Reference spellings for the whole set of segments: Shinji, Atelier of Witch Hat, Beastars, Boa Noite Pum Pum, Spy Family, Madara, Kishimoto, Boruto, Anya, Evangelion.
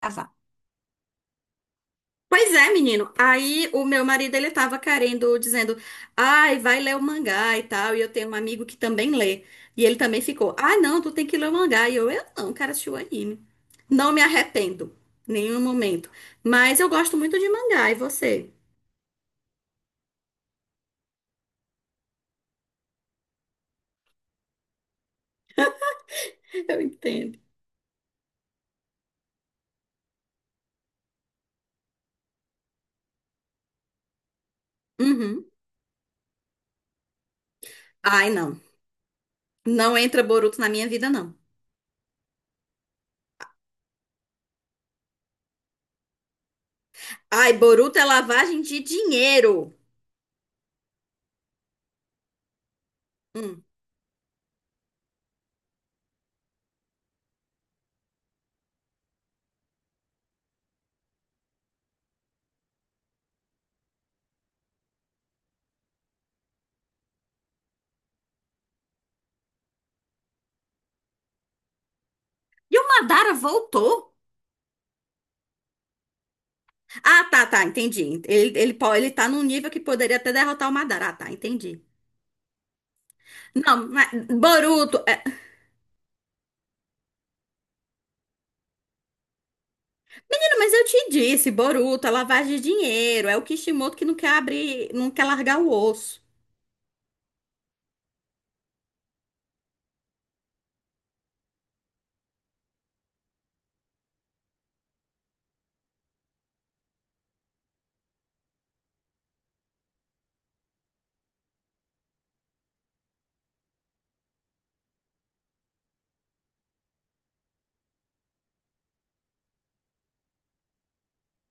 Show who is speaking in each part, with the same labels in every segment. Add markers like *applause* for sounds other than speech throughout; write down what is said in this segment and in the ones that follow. Speaker 1: Casar. Pois é, menino. Aí o meu marido ele tava querendo, dizendo, ai, vai ler o mangá e tal. E eu tenho um amigo que também lê. E ele também ficou, ah, não, tu tem que ler o mangá. E eu não, cara, assistir o anime. Não me arrependo, nenhum momento. Mas eu gosto muito de mangá, e você? *laughs* Eu entendo. Uhum. Ai, não. Não entra Boruto na minha vida, não. Ai, Boruto é lavagem de dinheiro. Hum. E o Madara voltou? Ah, tá, tá, entendi. Ele tá num nível que poderia até derrotar o Madara. Ah, tá, entendi. Não, mas Boruto. Menino, mas eu te disse, Boruto é lavagem de dinheiro. É o Kishimoto que não quer abrir, não quer largar o osso.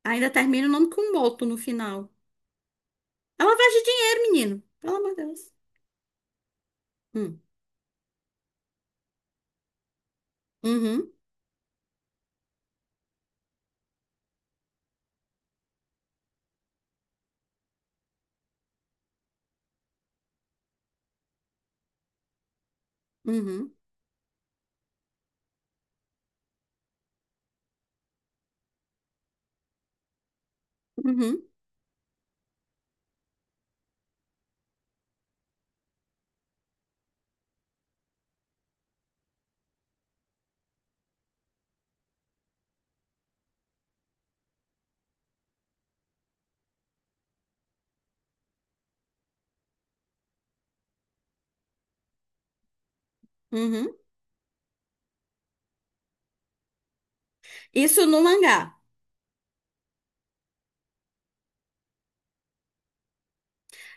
Speaker 1: Ainda termina o nome com Moto no final. É lavagem de dinheiro, menino. Pelo amor de Deus. Hum. Uhum, uhum, uhum, uhum. Isso no mangá.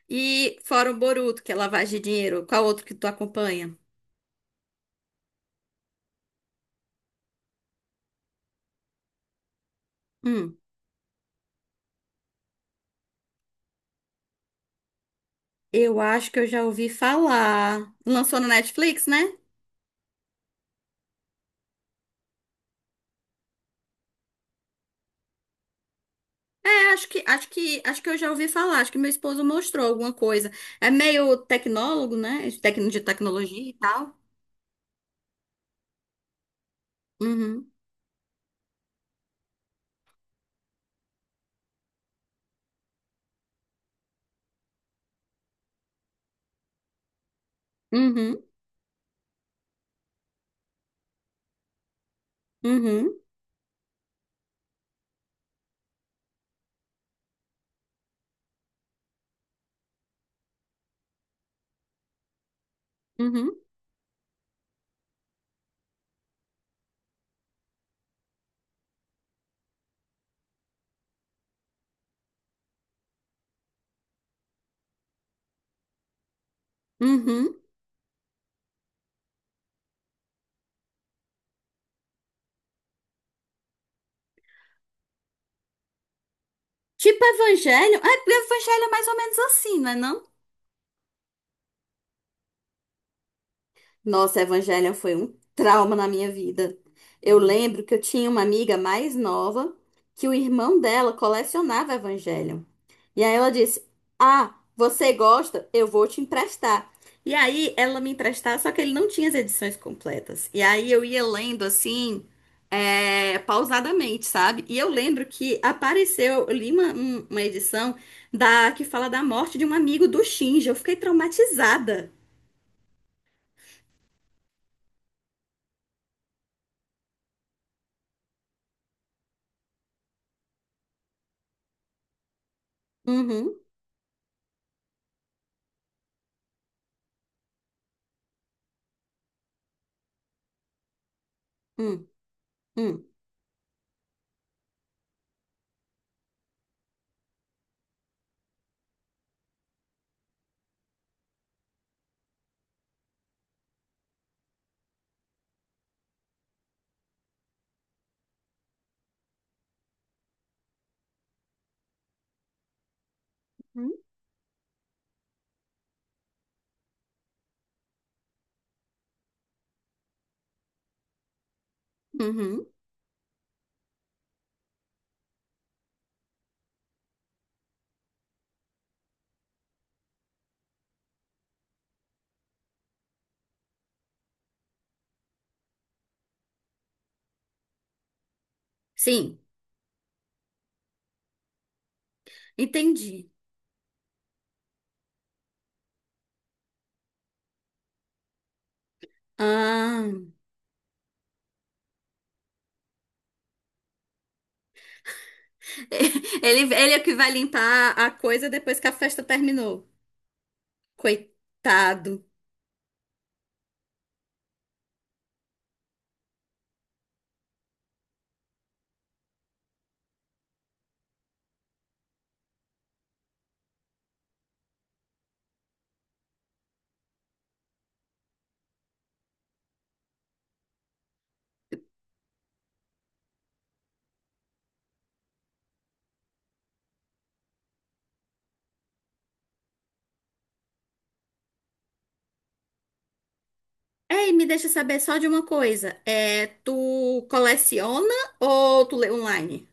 Speaker 1: E fora o Boruto, que é lavagem de dinheiro, qual outro que tu acompanha? Hum. Eu acho que eu já ouvi falar. Lançou no Netflix, né? É, acho que eu já ouvi falar. Acho que meu esposo mostrou alguma coisa. É meio tecnólogo, né? De tecnologia e tal. Uhum, uhum, uhum, uhum, uhum. Tipo evangelho. É, evangelho é mais ou menos assim, não é não? Nossa, Evangelion foi um trauma na minha vida. Eu lembro que eu tinha uma amiga mais nova que o irmão dela colecionava Evangelion. E aí ela disse: ah, você gosta? Eu vou te emprestar. E aí ela me emprestava, só que ele não tinha as edições completas. E aí eu ia lendo assim, é, pausadamente, sabe? E eu lembro que apareceu, eu li uma edição da que fala da morte de um amigo do Shinji. Eu fiquei traumatizada. Uhum, hum, hum. Hum, uhum. Sim, entendi. Ah, *laughs* ele é o que vai limpar a coisa depois que a festa terminou. Coitado. Ei, me deixa saber só de uma coisa. É, tu coleciona ou tu lê online?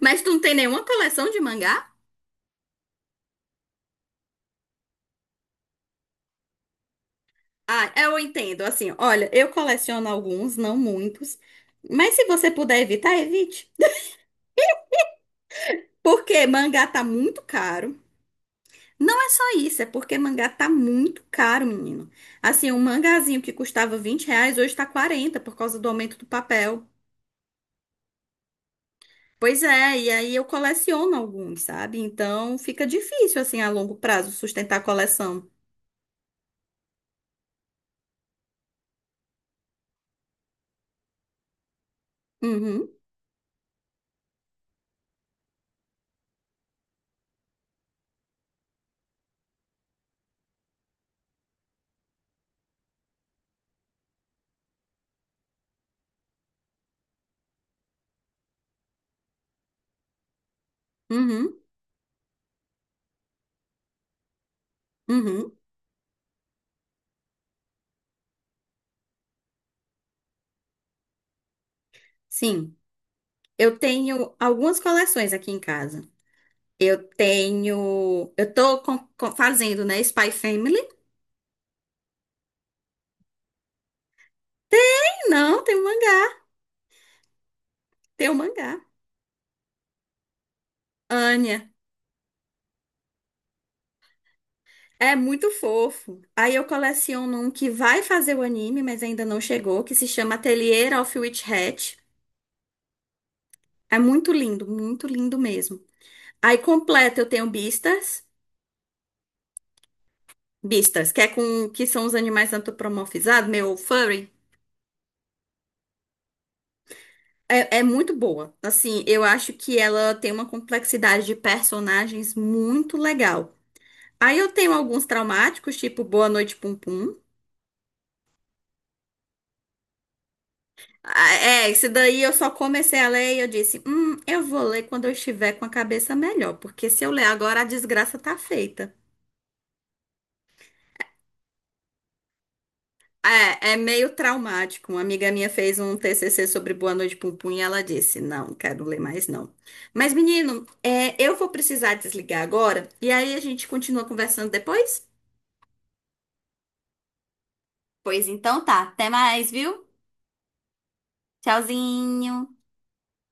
Speaker 1: Mas tu não tem nenhuma coleção de mangá? Ah, eu entendo. Assim, olha, eu coleciono alguns, não muitos. Mas se você puder evitar, evite. Porque mangá tá muito caro. Não é só isso, é porque mangá tá muito caro, menino. Assim, um mangazinho que custava R$ 20 hoje tá 40 por causa do aumento do papel. Pois é, e aí eu coleciono alguns, sabe? Então fica difícil, assim, a longo prazo sustentar a coleção. Uhum, uhum, uhum. Sim, eu tenho algumas coleções aqui em casa. Eu tenho. Eu tô fazendo, né? Spy Family. Não, tem um mangá. Anya. É muito fofo. Aí eu coleciono um que vai fazer o anime, mas ainda não chegou, que se chama Atelier of Witch Hat. É muito lindo mesmo. Aí completo eu tenho Beastars. Beastars, que é com que são os animais antropomorfizados, meu furry. É, é muito boa. Assim, eu acho que ela tem uma complexidade de personagens muito legal. Aí eu tenho alguns traumáticos, tipo Boa Noite Pum Pum. Ah, é, esse daí eu só comecei a ler e eu disse, eu vou ler quando eu estiver com a cabeça melhor, porque se eu ler agora a desgraça tá feita. É, é meio traumático. Uma amiga minha fez um TCC sobre Boa Noite Pum Pum e ela disse, não, quero ler mais não. Mas menino, é, eu vou precisar desligar agora e aí a gente continua conversando depois? Pois então tá, até mais, viu? Tchauzinho.